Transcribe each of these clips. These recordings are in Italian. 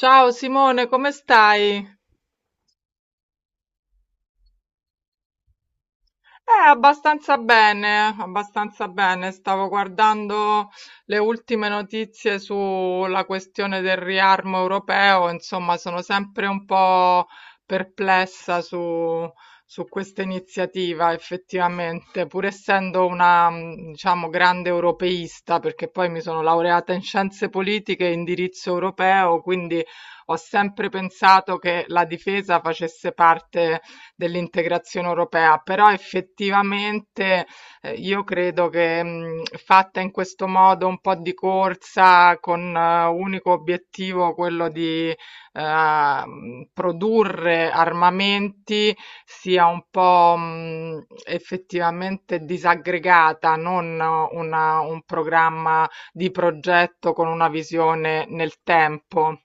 Ciao Simone, come stai? Abbastanza bene, abbastanza bene. Stavo guardando le ultime notizie sulla questione del riarmo europeo, insomma, sono sempre un po' perplessa su questa iniziativa, effettivamente, pur essendo una, diciamo, grande europeista, perché poi mi sono laureata in scienze politiche e indirizzo europeo, quindi ho sempre pensato che la difesa facesse parte dell'integrazione europea, però effettivamente io credo che fatta in questo modo un po' di corsa con unico obiettivo quello di eh, produrre armamenti sia un po' effettivamente disaggregata, non un programma di progetto con una visione nel tempo.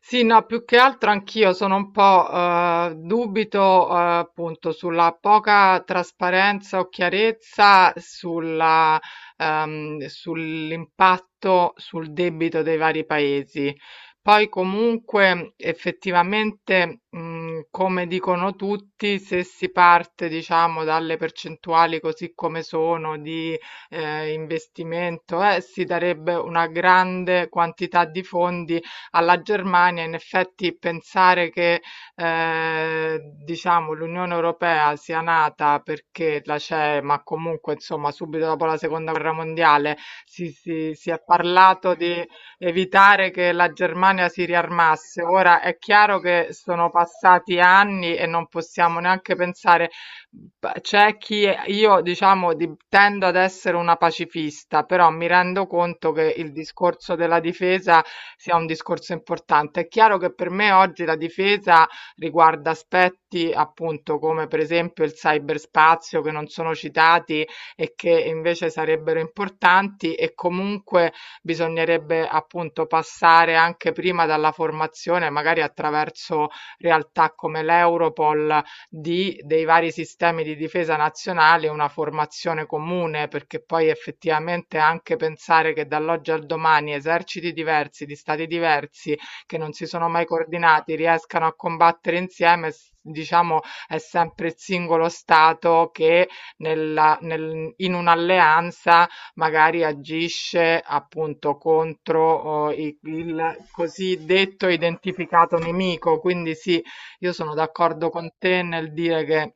Sì, no, più che altro anch'io sono un po', dubito, appunto sulla poca trasparenza o chiarezza sulla sull'impatto sul debito dei vari paesi. Poi comunque effettivamente, come dicono tutti, se si parte, diciamo, dalle percentuali così come sono di investimento, si darebbe una grande quantità di fondi alla Germania, in effetti pensare che diciamo l'Unione Europea sia nata perché la CE, ma comunque insomma subito dopo la Seconda Guerra Mondiale si è parlato di evitare che la Germania si riarmasse. Ora è chiaro che sono passati anni e non possiamo neanche pensare. Beh, c'è chi io diciamo tendo ad essere una pacifista, però mi rendo conto che il discorso della difesa sia un discorso importante. È chiaro che per me oggi la difesa riguarda aspetti appunto come per esempio il cyberspazio che non sono citati e che invece sarebbero importanti e comunque bisognerebbe appunto passare anche prima dalla formazione, magari attraverso realtà come l'Europol di dei vari sistemi di difesa nazionali una formazione comune, perché poi effettivamente anche pensare che dall'oggi al domani eserciti diversi di stati diversi che non si sono mai coordinati riescano a combattere insieme, diciamo, è sempre il singolo stato che in un'alleanza magari agisce appunto contro oh, il cosiddetto identificato nemico, quindi sì, io sono d'accordo con te nel dire che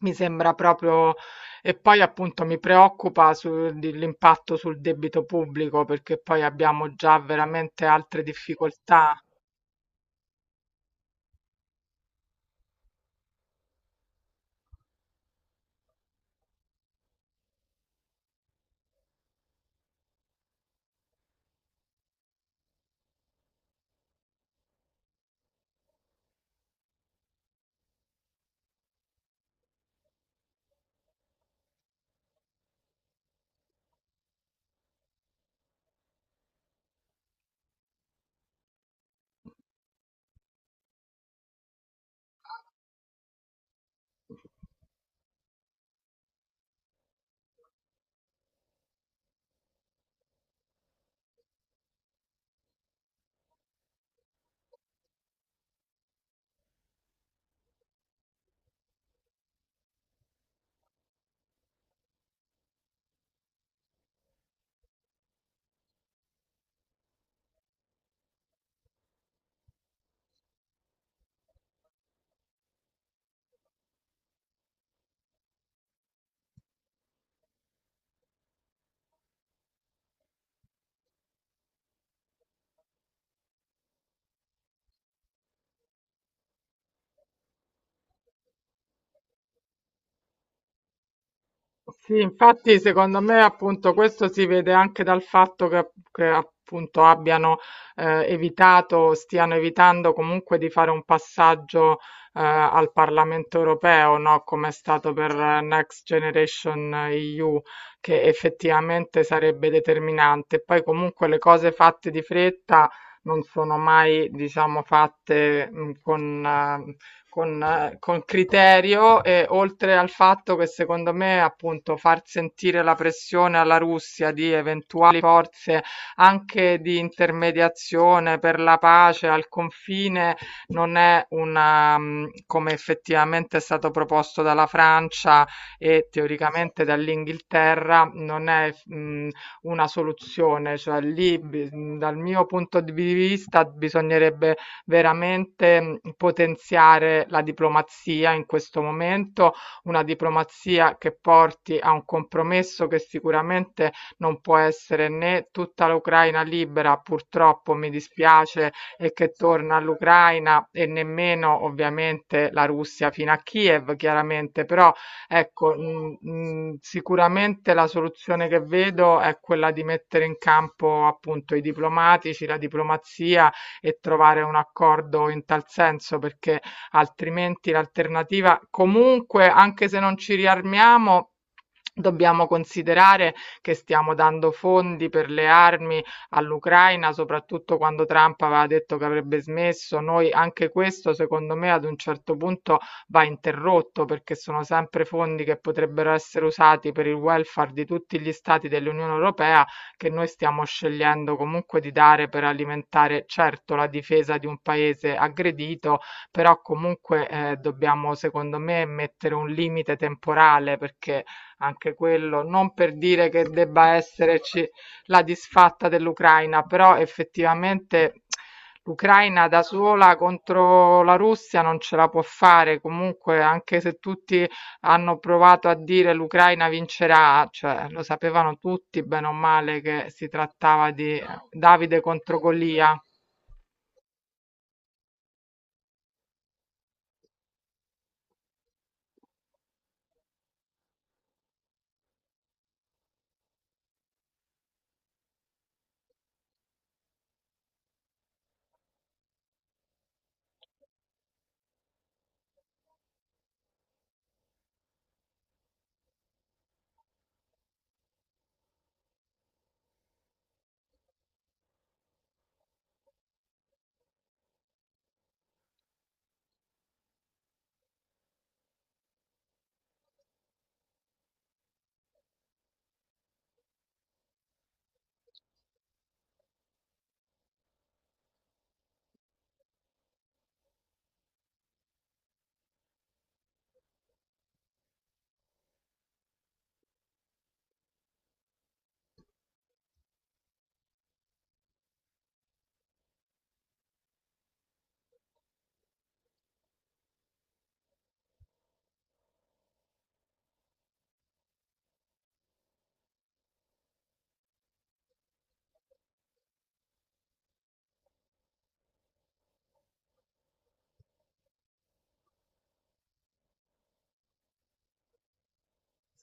mi sembra proprio. E poi appunto mi preoccupa l'impatto sul debito pubblico perché poi abbiamo già veramente altre difficoltà. Sì, infatti secondo me appunto questo si vede anche dal fatto che appunto abbiano evitato, stiano evitando comunque di fare un passaggio al Parlamento europeo, no? Come è stato per Next Generation EU, che effettivamente sarebbe determinante. Poi comunque le cose fatte di fretta non sono mai, diciamo, fatte con criterio e oltre al fatto che secondo me appunto far sentire la pressione alla Russia di eventuali forze anche di intermediazione per la pace al confine non è una, come effettivamente è stato proposto dalla Francia e teoricamente dall'Inghilterra, non è una soluzione, cioè dal mio punto di vista bisognerebbe veramente potenziare la diplomazia in questo momento, una diplomazia che porti a un compromesso che sicuramente non può essere né tutta l'Ucraina libera, purtroppo mi dispiace, e che torna all'Ucraina e nemmeno ovviamente la Russia fino a Kiev, chiaramente, però ecco, mhmm, mhmm, sicuramente la soluzione che vedo è quella di mettere in campo appunto i diplomatici, la diplomazia e trovare un accordo in tal senso, perché altrimenti l'alternativa comunque, anche se non ci riarmiamo, dobbiamo considerare che stiamo dando fondi per le armi all'Ucraina, soprattutto quando Trump aveva detto che avrebbe smesso. Noi anche questo, secondo me, ad un certo punto va interrotto perché sono sempre fondi che potrebbero essere usati per il welfare di tutti gli stati dell'Unione Europea che noi stiamo scegliendo comunque di dare per alimentare certo la difesa di un paese aggredito, però comunque dobbiamo secondo me mettere un limite temporale perché anche quello non per dire che debba esserci la disfatta dell'Ucraina, però effettivamente l'Ucraina da sola contro la Russia non ce la può fare, comunque anche se tutti hanno provato a dire l'Ucraina vincerà, cioè lo sapevano tutti bene o male che si trattava di Davide contro Golia.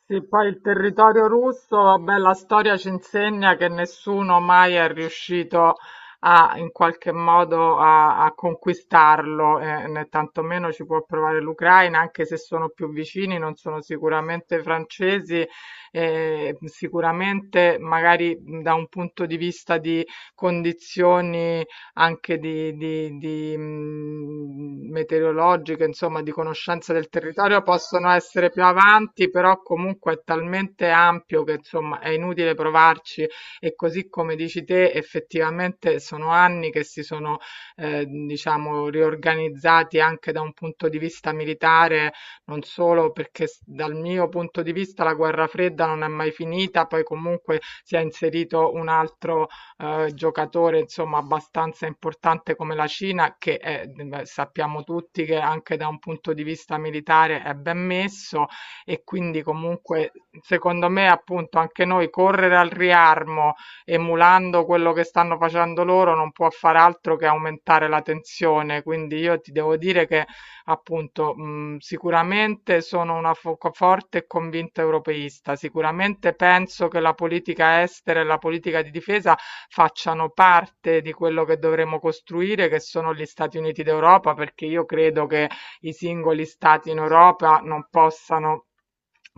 Sì, poi il territorio russo, vabbè, la storia ci insegna che nessuno mai è riuscito in qualche modo a conquistarlo, né tantomeno ci può provare l'Ucraina, anche se sono più vicini, non sono sicuramente francesi, sicuramente magari da un punto di vista di condizioni anche di meteorologiche, insomma, di conoscenza del territorio possono essere più avanti, però comunque è talmente ampio che insomma è inutile provarci e così come dici te, effettivamente sono anni che si sono diciamo riorganizzati anche da un punto di vista militare, non solo perché dal mio punto di vista la guerra fredda non è mai finita, poi comunque si è inserito un altro giocatore insomma abbastanza importante come la Cina, beh, sappiamo tutti che anche da un punto di vista militare è ben messo e quindi comunque secondo me appunto anche noi correre al riarmo emulando quello che stanno facendo loro non può far altro che aumentare la tensione. Quindi io ti devo dire che appunto, mhmm, sicuramente sono una fo co forte e convinta europeista, sicuramente penso che la politica estera e la politica di difesa facciano parte di quello che dovremo costruire, che sono gli Stati Uniti d'Europa, perché io credo che i singoli stati in Europa non possano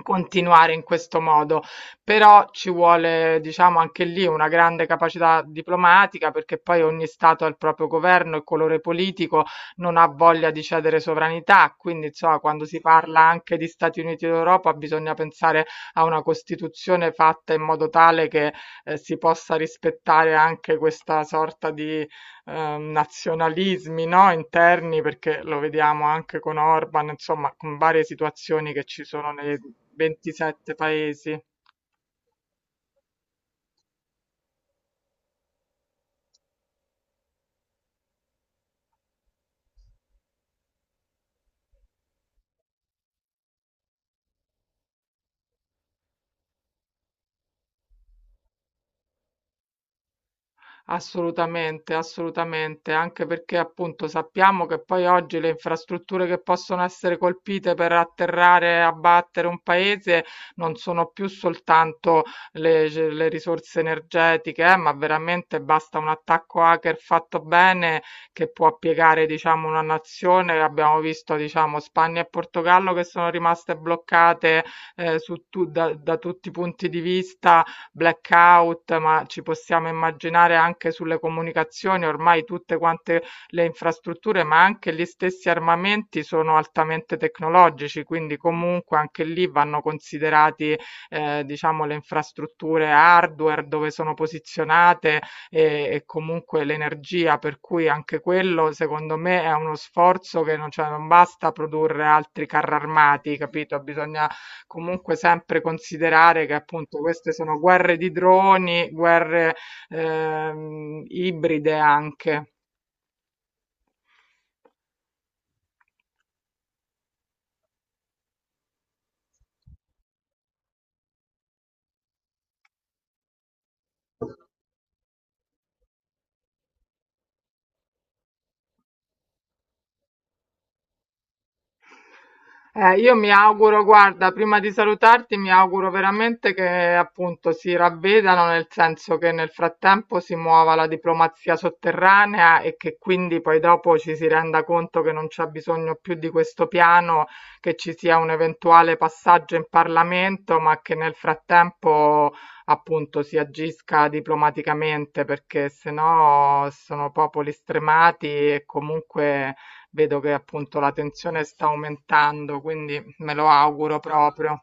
continuare in questo modo. Però ci vuole, diciamo, anche lì una grande capacità diplomatica, perché poi ogni stato ha il proprio governo, il colore politico non ha voglia di cedere sovranità, quindi insomma quando si parla anche di Stati Uniti d'Europa bisogna pensare a una Costituzione fatta in modo tale che si possa rispettare anche questa sorta di nazionalismi, no? Interni, perché lo vediamo anche con Orban, insomma con varie situazioni che ci sono nei 27 paesi. Assolutamente, assolutamente, anche perché appunto sappiamo che poi oggi le infrastrutture che possono essere colpite per atterrare e abbattere un paese non sono più soltanto le risorse energetiche, ma veramente basta un attacco hacker fatto bene che può piegare, diciamo, una nazione. Abbiamo visto, diciamo, Spagna e Portogallo che sono rimaste bloccate su tu- da da tutti i punti di vista blackout, ma ci possiamo immaginare anche sulle comunicazioni, ormai tutte quante le infrastrutture, ma anche gli stessi armamenti sono altamente tecnologici, quindi comunque anche lì vanno considerati diciamo le infrastrutture hardware dove sono posizionate e comunque l'energia, per cui anche quello secondo me è uno sforzo che non, cioè, non basta produrre altri carri armati, capito? Bisogna comunque sempre considerare che appunto queste sono guerre di droni, guerre ibride anche. Io mi auguro, guarda, prima di salutarti, mi auguro veramente che appunto si ravvedano, nel senso che nel frattempo si muova la diplomazia sotterranea e che quindi poi dopo ci si renda conto che non c'è bisogno più di questo piano, che ci sia un eventuale passaggio in Parlamento, ma che nel frattempo appunto si agisca diplomaticamente, perché sennò sono popoli stremati e comunque vedo che appunto la tensione sta aumentando, quindi me lo auguro proprio.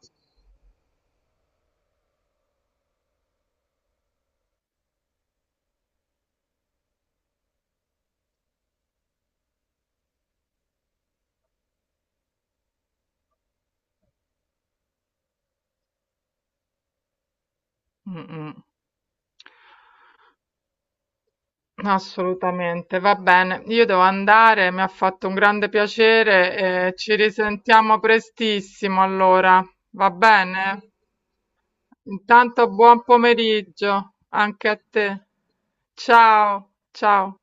Mm, mm. Assolutamente, va bene. Io devo andare, mi ha fatto un grande piacere e ci risentiamo prestissimo allora. Va bene? Intanto buon pomeriggio anche a te. Ciao, ciao.